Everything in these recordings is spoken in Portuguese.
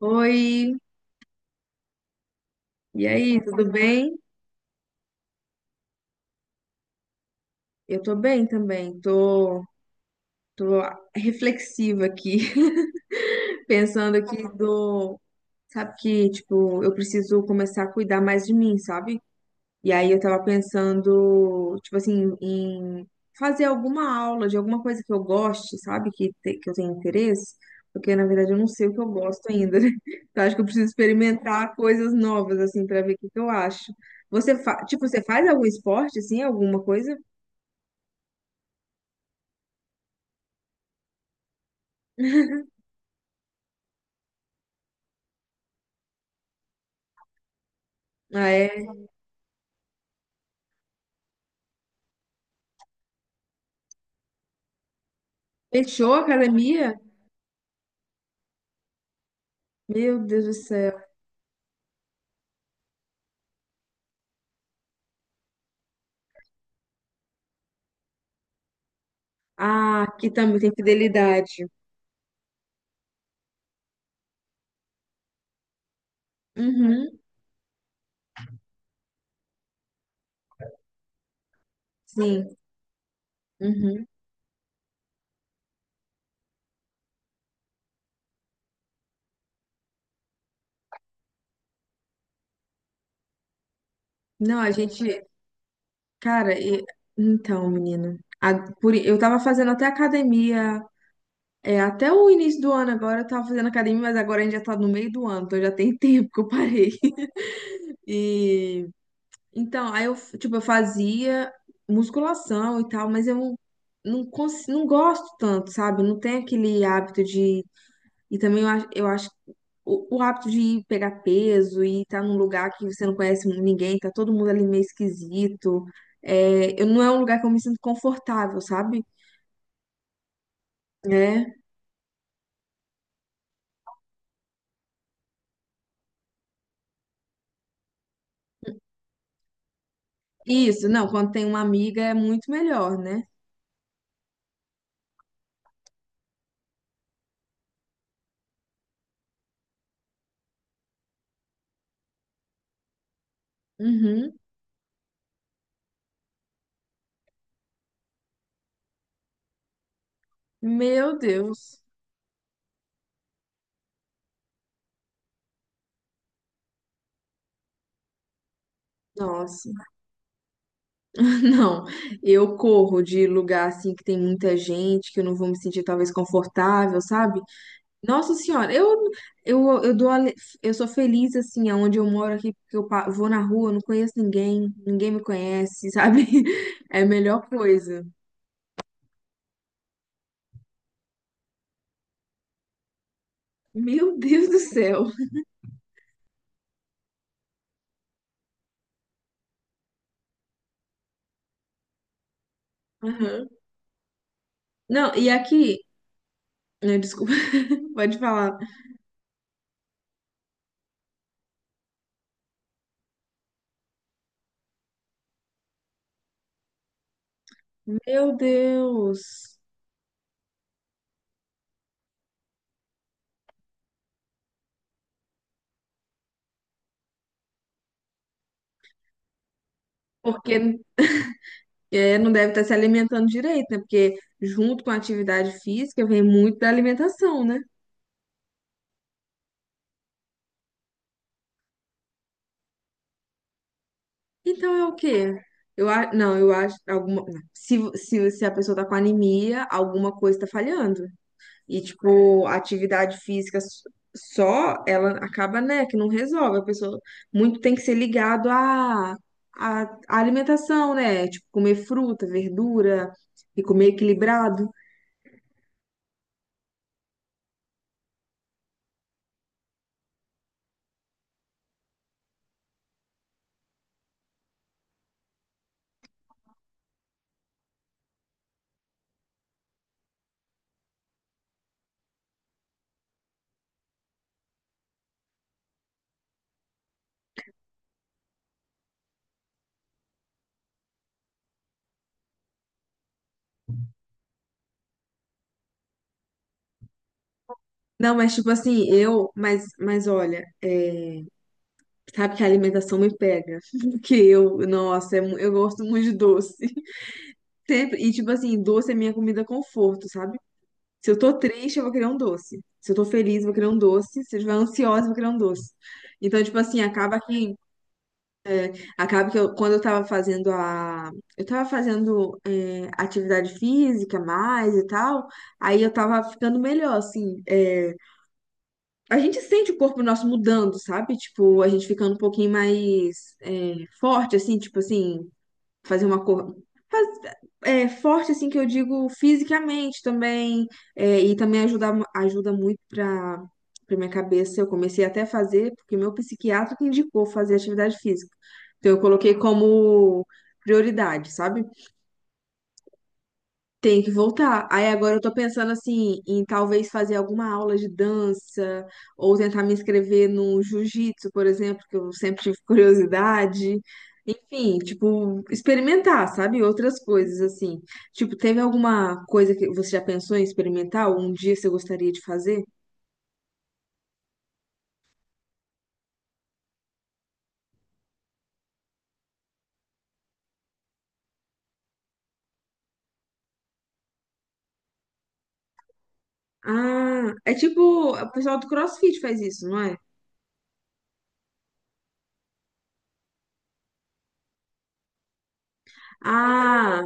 Oi, e aí, tudo bem? Eu tô bem também, tô, tô reflexiva aqui, pensando aqui do, sabe que, tipo, eu preciso começar a cuidar mais de mim, sabe? E aí eu tava pensando, tipo assim, em fazer alguma aula de alguma coisa que eu goste, sabe? Que eu tenho interesse, porque na verdade eu não sei o que eu gosto ainda, né? Então acho que eu preciso experimentar coisas novas, assim, pra ver o que que eu acho. Tipo, você faz algum esporte, assim, alguma coisa? Ah, é? Fechou a academia? Meu Deus do céu. Ah, aqui também tem fidelidade. Uhum, sim. Uhum. Não, a gente. Cara, e- então, menina, eu tava fazendo até academia. É, até o início do ano agora eu tava fazendo academia, mas agora a gente já tá no meio do ano, então já tem tempo que eu parei. E. Então, aí eu, tipo, eu fazia musculação e tal, mas eu não gosto tanto, sabe? Não tem aquele hábito de. E também eu acho que o hábito de ir pegar peso e estar num lugar que você não conhece ninguém, tá todo mundo ali meio esquisito. É, eu, não é um lugar que eu me sinto confortável, sabe? É. Isso, não, quando tem uma amiga é muito melhor, né? Uhum. Meu Deus. Nossa, não. Eu corro de lugar assim que tem muita gente, que eu não vou me sentir talvez confortável, sabe? Nossa senhora, eu, eu dou ale- eu sou feliz assim aonde eu moro aqui, porque vou na rua, não conheço ninguém, ninguém me conhece, sabe? É a melhor coisa. Meu Deus do céu. Aham. Não, e aqui, né, desculpa, pode falar. Meu Deus. Porque é, não deve estar se alimentando direito, né? Porque junto com a atividade física vem muito da alimentação, né? Então é o quê? Não, eu acho alguma, se a pessoa tá com anemia, alguma coisa tá falhando. E, tipo, a atividade física, ela acaba, né, que não resolve. A pessoa muito tem que ser ligado à alimentação, né? Tipo, comer fruta, verdura e comer equilibrado. Não, mas tipo assim, mas olha, sabe que a alimentação me pega. Porque eu, nossa, eu gosto muito de doce. Sempre. E, tipo assim, doce é minha comida conforto, sabe? Se eu tô triste, eu vou querer um doce. Se eu tô feliz, eu vou querer um doce. Se eu estiver ansiosa, eu vou querer um doce. Então, tipo assim, acaba que eu, quando eu tava fazendo é, atividade física mais e tal, aí eu tava ficando melhor, assim. É, a gente sente o corpo nosso mudando, sabe? Tipo, a gente ficando um pouquinho mais é, forte, assim, tipo assim, fazer uma cor é, forte, assim, que eu digo fisicamente também, é, e também ajuda muito para para minha cabeça. Eu comecei até a fazer, porque meu psiquiatra que indicou fazer atividade física. Então, eu coloquei como prioridade, sabe? Tem que voltar. Aí agora eu tô pensando assim, em talvez fazer alguma aula de dança, ou tentar me inscrever no jiu-jitsu, por exemplo, que eu sempre tive curiosidade. Enfim, tipo, experimentar, sabe? Outras coisas assim. Tipo, teve alguma coisa que você já pensou em experimentar? Ou um dia você gostaria de fazer? Ah, é tipo, o pessoal do CrossFit faz isso, não é? Ah,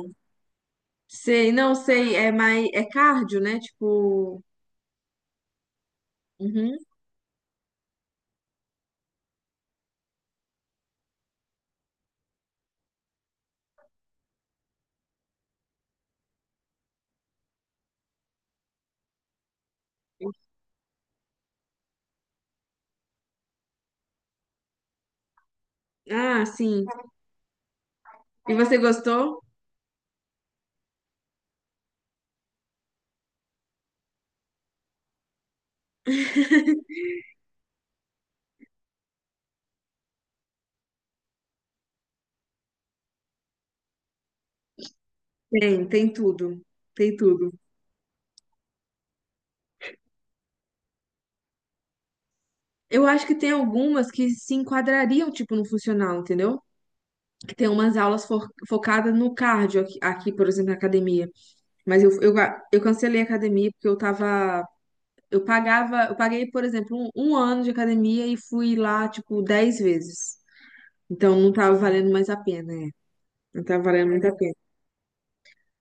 sei, não sei, é mais, é cardio, né? Tipo, uhum. Ah, sim. E você gostou? Tem, tem tudo. Tem tudo. Eu acho que tem algumas que se enquadrariam, tipo, no funcional, entendeu? Que tem umas aulas focadas no cardio aqui, aqui, por exemplo, na academia. Mas eu cancelei a academia porque eu tava. Eu pagava, eu paguei, por exemplo, um ano de academia e fui lá, tipo, 10 vezes. Então não tava valendo mais a pena, é. Não tava valendo muito a pena.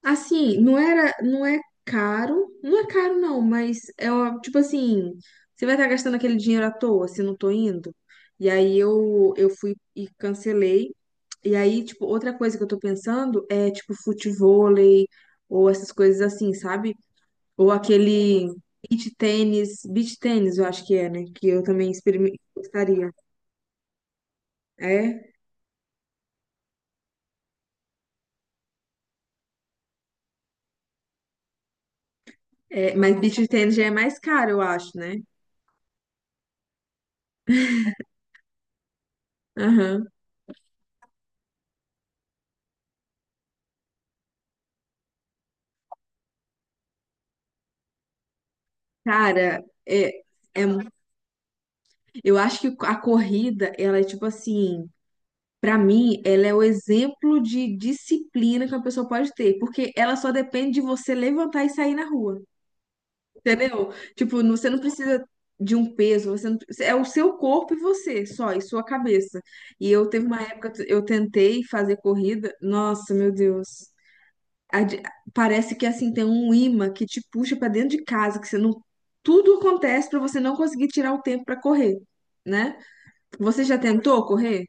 Assim, não era, não é caro, não é caro não, mas é ó, tipo assim, você vai estar gastando aquele dinheiro à toa se não tô indo. E aí eu fui e cancelei. E aí, tipo, outra coisa que eu tô pensando é tipo futevôlei ou essas coisas assim, sabe? Ou aquele beach tênis, eu acho que é, né? Que eu também gostaria. É, é, mas beach tênis já é mais caro, eu acho, né? Aham. Cara, é, é. Eu acho que a corrida, ela é tipo assim, pra mim, ela é o exemplo de disciplina que uma pessoa pode ter, porque ela só depende de você levantar e sair na rua, entendeu? Tipo, você não precisa de um peso, você não- é o seu corpo e você só, e sua cabeça. E eu teve uma época, eu tentei fazer corrida, nossa, meu Deus. A de- Parece que assim tem um imã que te puxa pra dentro de casa, que você não, tudo acontece pra você não conseguir tirar o tempo pra correr, né? Você já tentou correr?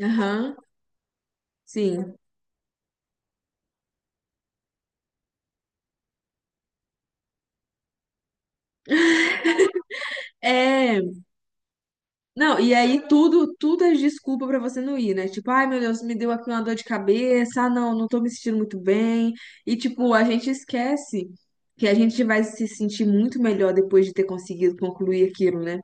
Aham, sim. É, não, e aí tudo, tudo é desculpa pra você não ir, né? Tipo, ai meu Deus, me deu aqui uma dor de cabeça, ah não, não tô me sentindo muito bem. E tipo, a gente esquece que a gente vai se sentir muito melhor depois de ter conseguido concluir aquilo, né?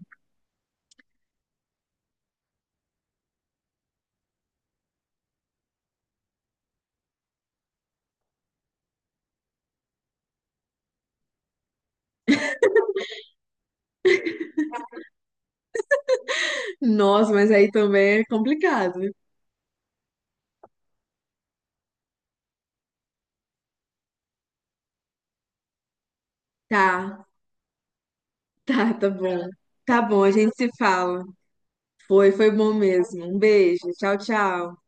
Nossa, mas aí também é complicado. Tá, tá, tá bom. Tá bom, a gente se fala. Foi, foi bom mesmo. Um beijo, tchau, tchau.